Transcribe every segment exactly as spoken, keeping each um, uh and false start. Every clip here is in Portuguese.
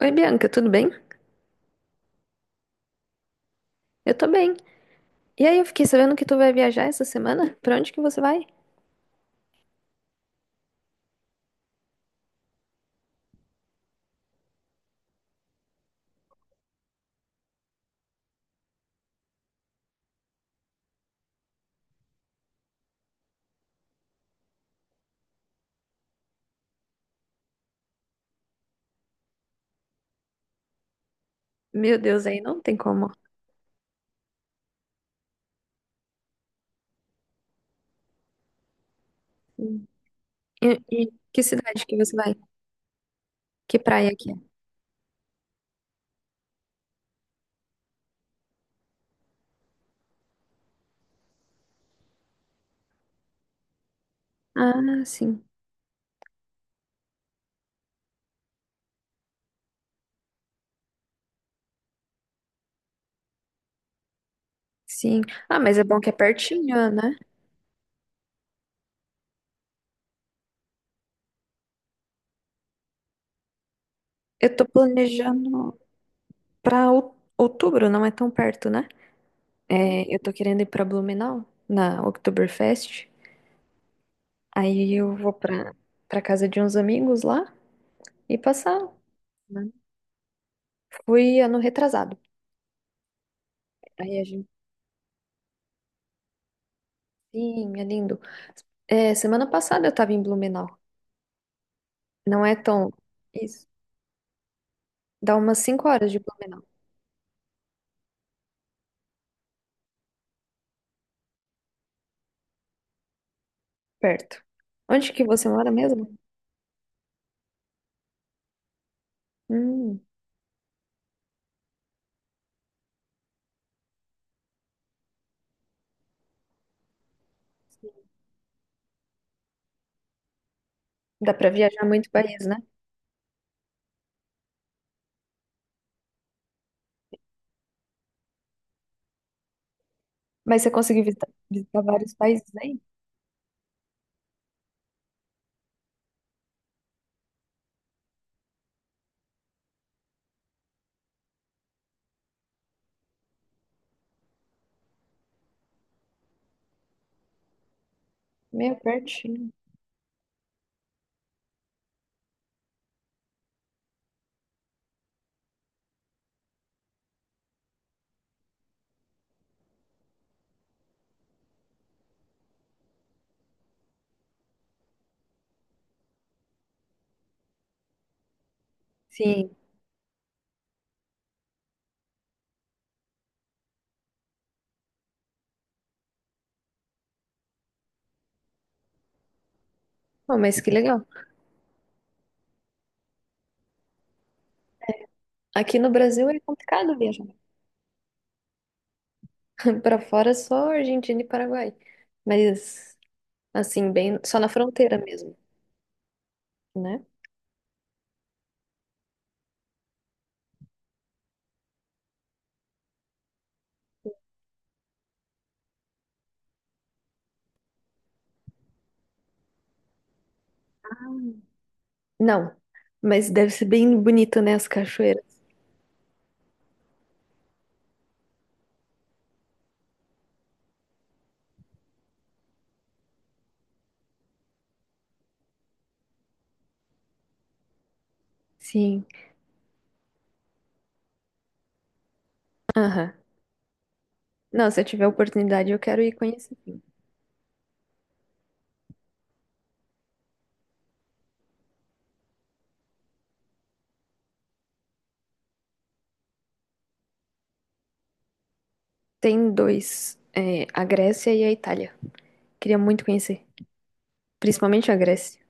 Oi, Bianca, tudo bem? Eu tô bem. E aí, eu fiquei sabendo que tu vai viajar essa semana? Pra onde que você vai? Meu Deus, aí não tem como. Sim. E, e que cidade que você vai? Que praia que é? Ah, sim, sim. Ah, mas é bom que é pertinho, né? Eu tô planejando pra ou- outubro, não é tão perto, né? É, eu tô querendo ir pra Blumenau, na Oktoberfest. Aí eu vou pra, pra casa de uns amigos lá e passar. Né? Fui ano retrasado. Aí a gente. Sim, é lindo. É, semana passada eu tava em Blumenau. Não é tão. Isso. Dá umas cinco horas de Blumenau, perto. Onde que você mora mesmo? Hum, dá pra viajar muito país, né? Mas você conseguiu visitar, visitar vários países aí? Meio pertinho. Sim. Pô, mas que legal. Aqui no Brasil é complicado viajar. Pra fora é só Argentina e Paraguai. Mas, assim, bem, só na fronteira mesmo, né? Não. Mas deve ser bem bonito, né? As cachoeiras. Sim. Aham. Não, se eu tiver oportunidade, eu quero ir conhecer. Tem dois, é, a Grécia e a Itália. Queria muito conhecer, principalmente a Grécia.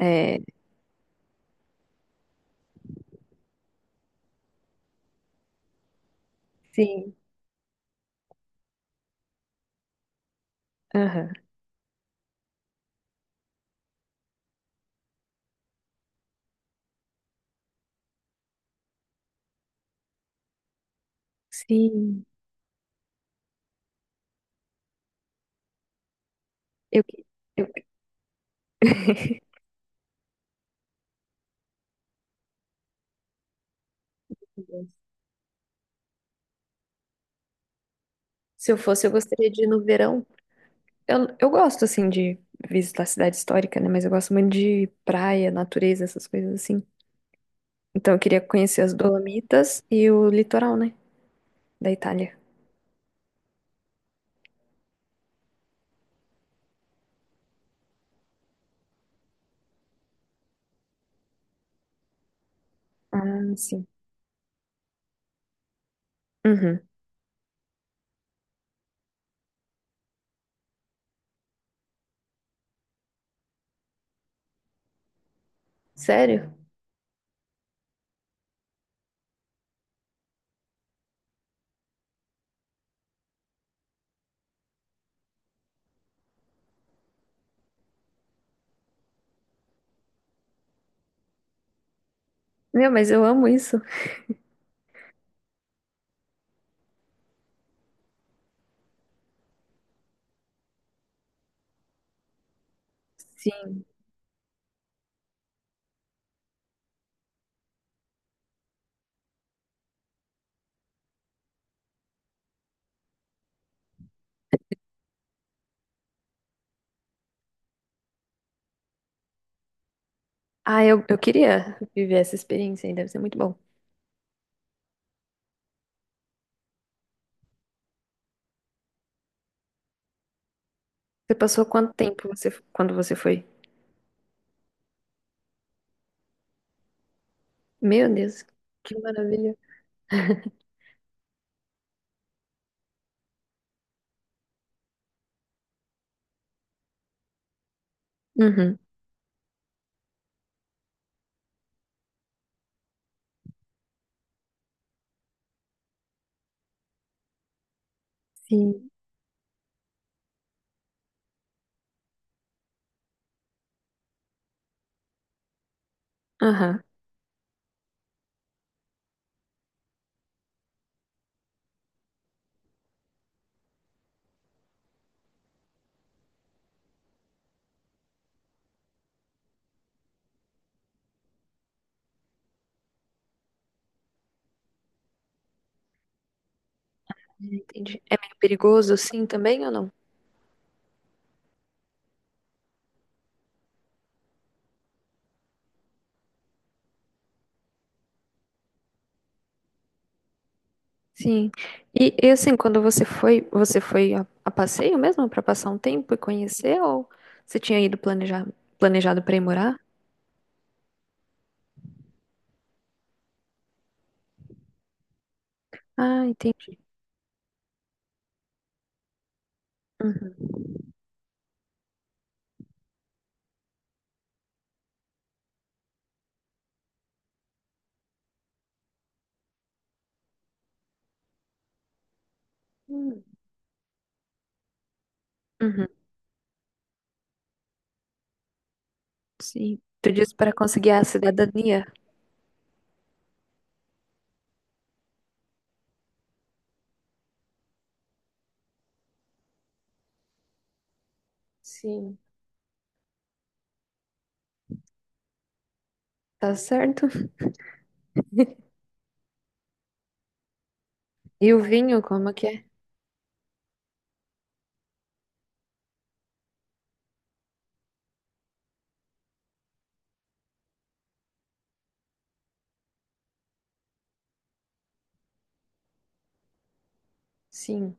É, sim, aham, sim. Eu, eu- se eu fosse, eu gostaria de ir no verão. Eu, eu gosto, assim, de visitar a cidade histórica, né? Mas eu gosto muito de praia, natureza, essas coisas assim. Então, eu queria conhecer as Dolomitas e o litoral, né? Da Itália. Ah, sim. Uhum. Sério? Meu, mas eu amo isso. Sim. Ah, eu, eu queria viver essa experiência aí, deve ser muito bom. Você passou quanto tempo você, quando você foi? Meu Deus, que maravilha. Uhum, sim. Aham, entendi. É meio perigoso, sim, também ou não? Sim. E, e, assim, quando você foi, você foi a, a passeio mesmo para passar um tempo e conhecer ou você tinha ido planejar, planejado para ir morar? Ah, entendi. Uhum. Hum, uhum. Sim. Tu disse para conseguir a cidadania. Sim. Tá certo. E o vinho, como que é? Sim.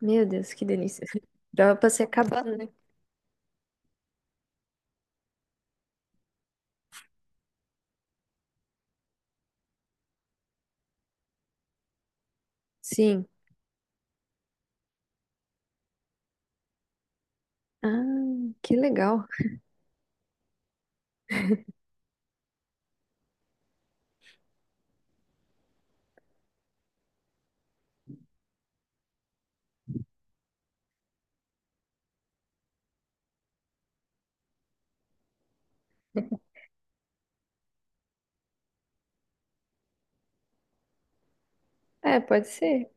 Meu Deus, que delícia. Dava pra ser acabando, né? Sim. Ah, que legal. É, pode ser.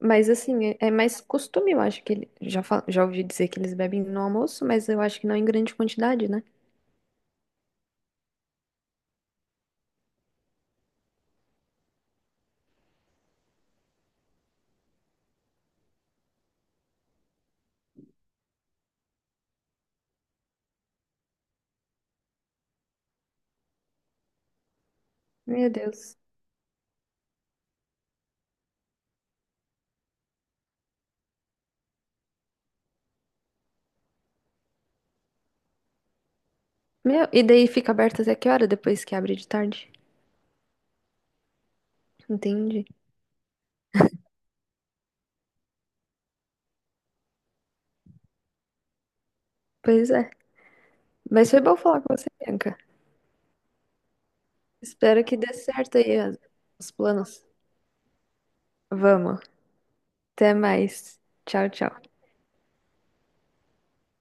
Mas assim, é, é mais costume, eu acho que ele, já, fa- já ouvi dizer que eles bebem no almoço, mas eu acho que não em grande quantidade, né? Meu Deus. Meu, e daí fica aberto até que hora depois que abre de tarde? Entendi. Pois é. Mas foi bom falar com você, Bianca. Espero que dê certo aí as- os planos. Vamos. Até mais. Tchau, tchau.